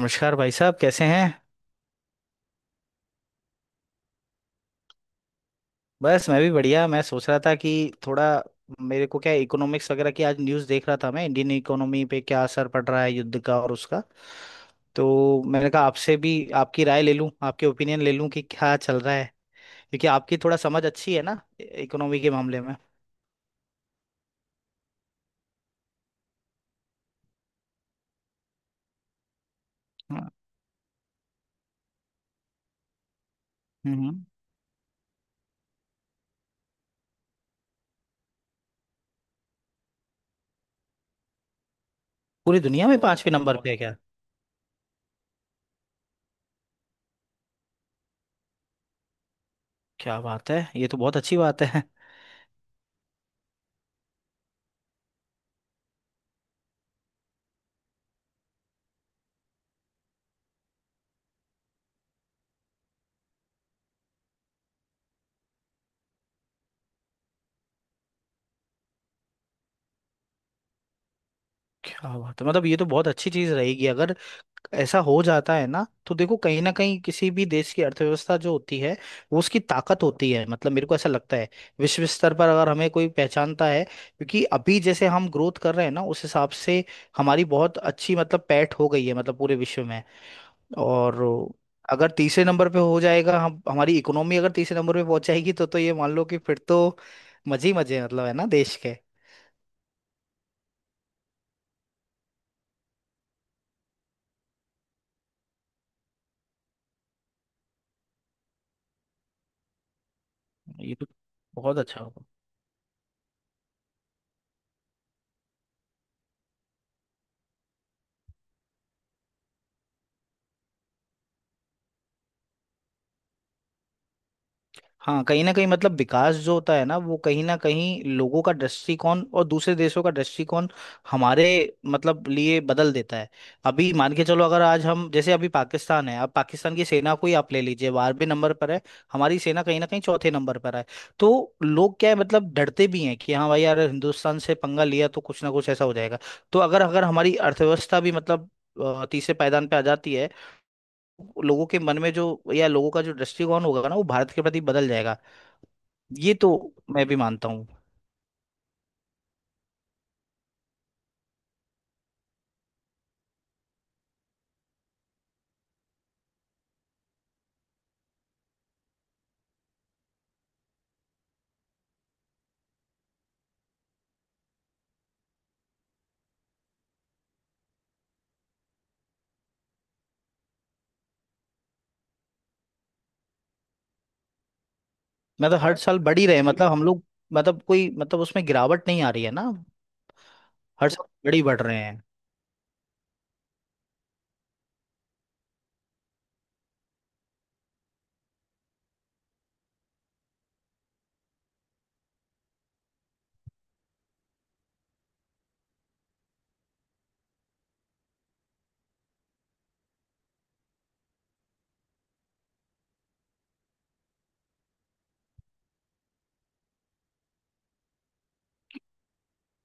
नमस्कार भाई साहब, कैसे हैं? बस मैं भी बढ़िया। मैं सोच रहा था कि थोड़ा, मेरे को क्या, इकोनॉमिक्स वगैरह की आज न्यूज़ देख रहा था। मैं इंडियन इकोनॉमी पे क्या असर पड़ रहा है युद्ध का और उसका, तो मैंने कहा आपसे भी आपकी राय ले लूं, आपके ओपिनियन ले लूं कि क्या चल रहा है, क्योंकि आपकी थोड़ा समझ अच्छी है ना इकोनॉमी के मामले में। हाँ। हम्म। पूरी दुनिया में पांचवें नंबर पे है क्या? क्या बात है! ये तो बहुत अच्छी बात है। क्या बात है! मतलब ये तो बहुत अच्छी चीज़ रहेगी अगर ऐसा हो जाता है ना। तो देखो, कहीं ना कहीं किसी भी देश की अर्थव्यवस्था जो होती है वो उसकी ताकत होती है, मतलब मेरे को ऐसा लगता है। विश्व स्तर पर अगर हमें कोई पहचानता है, क्योंकि अभी जैसे हम ग्रोथ कर रहे हैं ना उस हिसाब से हमारी बहुत अच्छी मतलब पैठ हो गई है, मतलब पूरे विश्व में। और अगर तीसरे नंबर पे हो जाएगा हम, हमारी इकोनॉमी अगर तीसरे नंबर पे पहुंच जाएगी तो ये मान लो कि फिर तो मजे ही मजे हैं, मतलब है ना देश के। ये तो बहुत अच्छा होगा। हाँ, कहीं ना कहीं मतलब विकास जो होता है ना वो कहीं ना कहीं लोगों का दृष्टिकोण और दूसरे देशों का दृष्टिकोण हमारे मतलब लिए बदल देता है। अभी मान के चलो, अगर आज हम, जैसे अभी पाकिस्तान है, अब पाकिस्तान की सेना को ही आप ले लीजिए, 12वें नंबर पर है। हमारी सेना कहीं ना कहीं चौथे नंबर पर है। तो लोग क्या है, मतलब डरते भी हैं कि हाँ भाई यार, हिंदुस्तान से पंगा लिया तो कुछ ना कुछ ऐसा हो जाएगा। तो अगर अगर हमारी अर्थव्यवस्था भी मतलब तीसरे पायदान पे आ जाती है, लोगों के मन में जो, या लोगों का जो दृष्टिकोण होगा ना वो भारत के प्रति बदल जाएगा। ये तो मैं भी मानता हूँ। मतलब हर और साल बढ़ ही रहे हैं मतलब हम लोग, मतलब कोई मतलब उसमें गिरावट नहीं आ रही है ना? हर साल बढ़ ही बढ़ रहे हैं।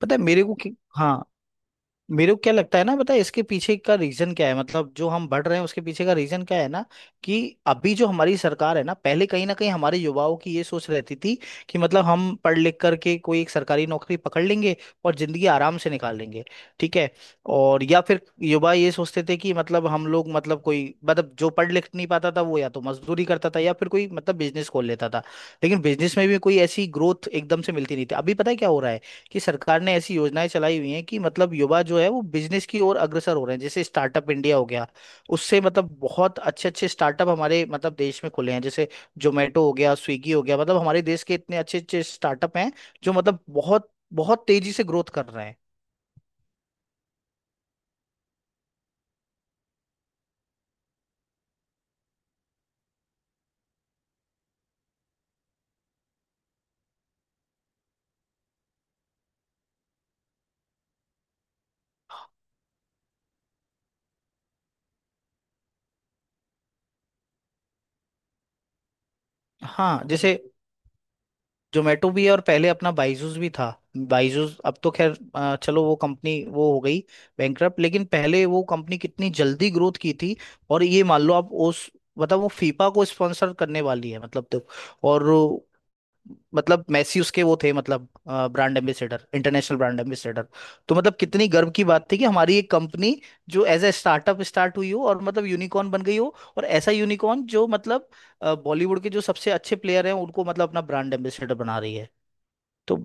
पता है मेरे को कि, हाँ। मेरे को क्या लगता है ना, पता है इसके पीछे का रीजन क्या है, मतलब जो हम बढ़ रहे हैं उसके पीछे का रीजन क्या है ना, कि अभी जो हमारी सरकार है ना, पहले कहीं ना कहीं हमारे युवाओं की ये सोच रहती थी कि मतलब हम पढ़ लिख करके कोई एक सरकारी नौकरी पकड़ लेंगे और जिंदगी आराम से निकाल लेंगे। ठीक है? और या फिर युवा ये सोचते थे कि मतलब हम लोग, मतलब कोई मतलब जो पढ़ लिख नहीं पाता था वो या तो मजदूरी करता था या फिर कोई मतलब बिजनेस खोल लेता था। लेकिन बिजनेस में भी कोई ऐसी ग्रोथ एकदम से मिलती नहीं थी। अभी पता है क्या हो रहा है, कि सरकार ने ऐसी योजनाएं चलाई हुई हैं कि मतलब युवा जो है वो बिजनेस की ओर अग्रसर हो रहे हैं, जैसे स्टार्टअप इंडिया हो गया। उससे मतलब बहुत अच्छे अच्छे स्टार्टअप हमारे मतलब देश में खुले हैं, जैसे जोमेटो हो गया, स्विगी हो गया। मतलब हमारे देश के इतने अच्छे अच्छे स्टार्टअप हैं जो मतलब बहुत बहुत तेजी से ग्रोथ कर रहे हैं। हाँ, जैसे जोमेटो भी है और पहले अपना बाइजूस भी था। बाइजूस अब तो खैर, चलो वो कंपनी वो हो गई बैंकरप्ट, लेकिन पहले वो कंपनी कितनी जल्दी ग्रोथ की थी। और ये मान लो आप उस, मतलब वो फीफा को स्पॉन्सर करने वाली है मतलब तो। और मतलब मैसी उसके वो थे मतलब brand ambassador, international brand ambassador. तो मतलब कितनी गर्व की बात थी कि हमारी एक कंपनी जो एज ए स्टार्टअप स्टार्ट हुई हो और मतलब यूनिकॉर्न बन गई हो, और ऐसा यूनिकॉर्न जो मतलब बॉलीवुड के जो सबसे अच्छे प्लेयर हैं उनको मतलब अपना ब्रांड एम्बेसडर बना रही है। तो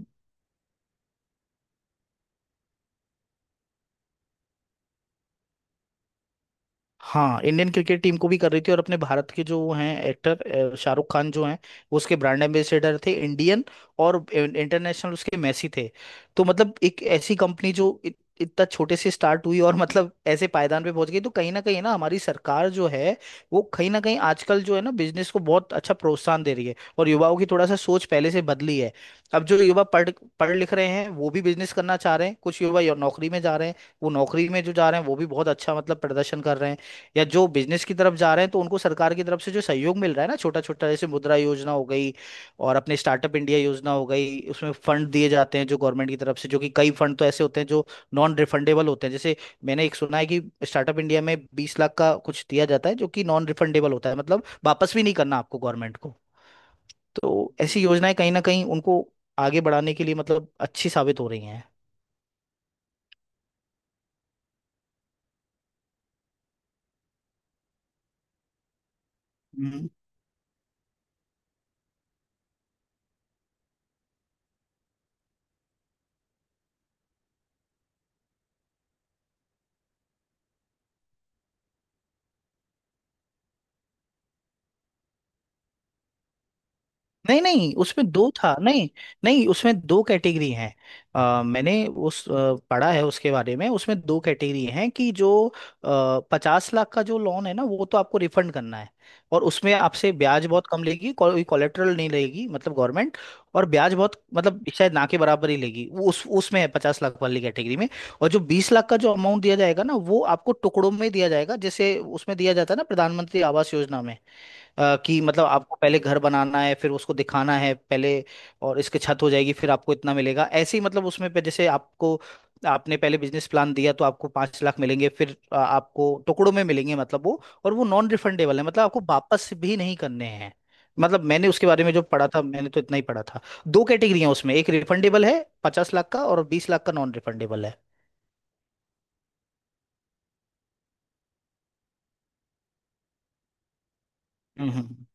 हाँ, इंडियन क्रिकेट टीम को भी कर रही थी, और अपने भारत के जो वो हैं एक्टर शाहरुख खान जो हैं, वो उसके ब्रांड एम्बेसडर थे इंडियन, और इंटरनेशनल उसके मेसी थे। तो मतलब एक ऐसी कंपनी जो इतना छोटे से स्टार्ट हुई और मतलब ऐसे पायदान पे पहुंच गई, तो कहीं ना हमारी सरकार जो है वो कहीं ना कहीं आजकल जो है ना बिजनेस को बहुत अच्छा प्रोत्साहन दे रही है और युवाओं की थोड़ा सा सोच पहले से बदली है। अब जो युवा पढ़ पढ़ लिख रहे हैं वो भी बिजनेस करना चाह रहे हैं, कुछ युवा नौकरी में जा रहे हैं। वो नौकरी में जो जा रहे हैं वो भी बहुत अच्छा मतलब प्रदर्शन कर रहे हैं, या जो बिजनेस की तरफ जा रहे हैं तो उनको सरकार की तरफ से जो सहयोग मिल रहा है ना, छोटा छोटा, जैसे मुद्रा योजना हो गई, और अपने स्टार्टअप इंडिया योजना हो गई, उसमें फंड दिए जाते हैं जो गवर्नमेंट की तरफ से, जो कि कई फंड तो ऐसे होते हैं जो नॉन रिफंडेबल होते हैं। जैसे मैंने एक सुना है कि स्टार्टअप इंडिया में 20 लाख का कुछ दिया जाता है जो कि नॉन रिफंडेबल होता है, मतलब वापस भी नहीं करना आपको गवर्नमेंट को। तो ऐसी योजनाएं कहीं ना कहीं उनको आगे बढ़ाने के लिए मतलब अच्छी साबित हो रही हैं। हम्म। नहीं नहीं, उसमें दो था नहीं। नहीं, उसमें दो कैटेगरी हैं। मैंने उस पढ़ा है उसके बारे में। उसमें दो कैटेगरी हैं, कि जो 50 लाख का जो लोन है ना वो तो आपको रिफंड करना है, और उसमें आपसे ब्याज बहुत कम लेगी, कोई कोलेटरल नहीं लेगी मतलब गवर्नमेंट। और ब्याज बहुत मतलब शायद ना के बराबर ही लेगी वो, उस उसमें है 50 लाख वाली कैटेगरी में। और जो 20 लाख का जो अमाउंट दिया जाएगा ना वो आपको टुकड़ों में दिया जाएगा, जैसे उसमें दिया जाता है ना प्रधानमंत्री आवास योजना में। कि मतलब आपको पहले घर बनाना है फिर उसको दिखाना है पहले, और इसके छत हो जाएगी फिर आपको इतना मिलेगा, ऐसे ही मतलब उसमें पे जैसे आपको, आपने पहले बिजनेस प्लान दिया तो आपको 5 लाख मिलेंगे, फिर आपको टुकड़ों में मिलेंगे, मतलब वो और वो नॉन रिफंडेबल है, मतलब आपको वापस भी नहीं करने हैं। मतलब मैंने उसके बारे में जो पढ़ा था, मैंने तो इतना ही पढ़ा था। दो कैटेगरी हैं उसमें, एक रिफंडेबल है 50 लाख का, और 20 लाख का नॉन रिफंडेबल है। हम्म। हम्म।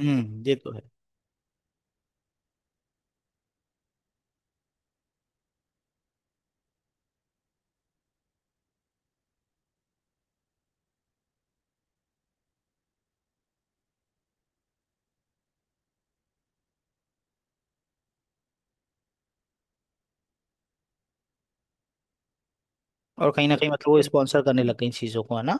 ये तो है। और कहीं ना कहीं मतलब वो स्पॉन्सर करने लग गए इन चीजों को, है ना।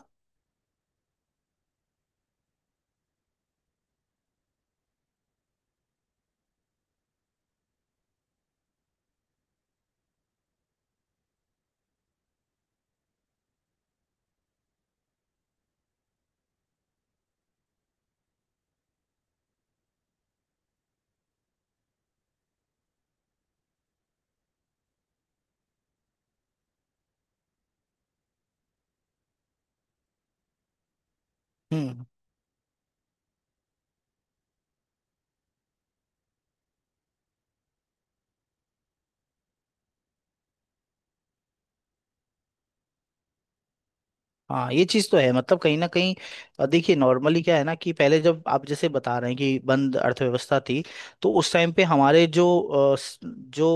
हम्म। हाँ, ये चीज तो है मतलब कहीं ना कहीं। देखिए नॉर्मली क्या है ना, कि पहले जब आप जैसे बता रहे हैं कि बंद अर्थव्यवस्था थी, तो उस टाइम पे हमारे जो जो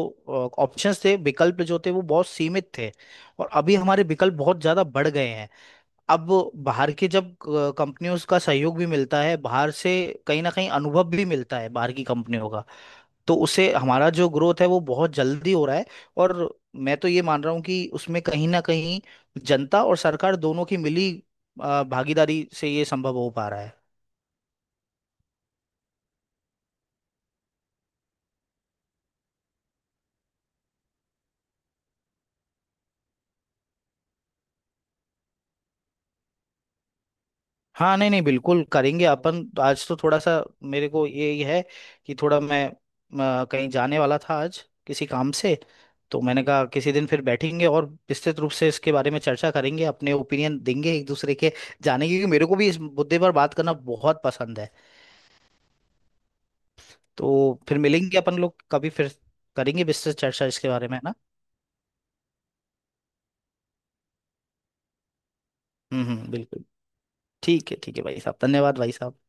ऑप्शंस थे, विकल्प जो थे वो बहुत सीमित थे। और अभी हमारे विकल्प बहुत ज्यादा बढ़ गए हैं। अब बाहर के, जब कंपनियों का सहयोग भी मिलता है बाहर से, कहीं ना कहीं अनुभव भी मिलता है बाहर की कंपनियों का, तो उससे हमारा जो ग्रोथ है वो बहुत जल्दी हो रहा है। और मैं तो ये मान रहा हूँ कि उसमें कहीं ना कहीं जनता और सरकार दोनों की मिली भागीदारी से ये संभव हो पा रहा है। हाँ, नहीं नहीं, बिल्कुल करेंगे। अपन तो आज तो थोड़ा सा, मेरे को ये ही है कि थोड़ा मैं कहीं जाने वाला था आज, किसी काम से। तो मैंने कहा किसी दिन फिर बैठेंगे और विस्तृत रूप से इसके बारे में चर्चा करेंगे, अपने ओपिनियन देंगे एक दूसरे के, जानेंगे, क्योंकि मेरे को भी इस मुद्दे पर बात करना बहुत पसंद है। तो फिर मिलेंगे अपन लोग कभी, फिर करेंगे विस्तृत चर्चा इसके बारे में, है ना। हम्म। हम्म। बिल्कुल। ठीक है, ठीक है भाई साहब, धन्यवाद भाई साहब।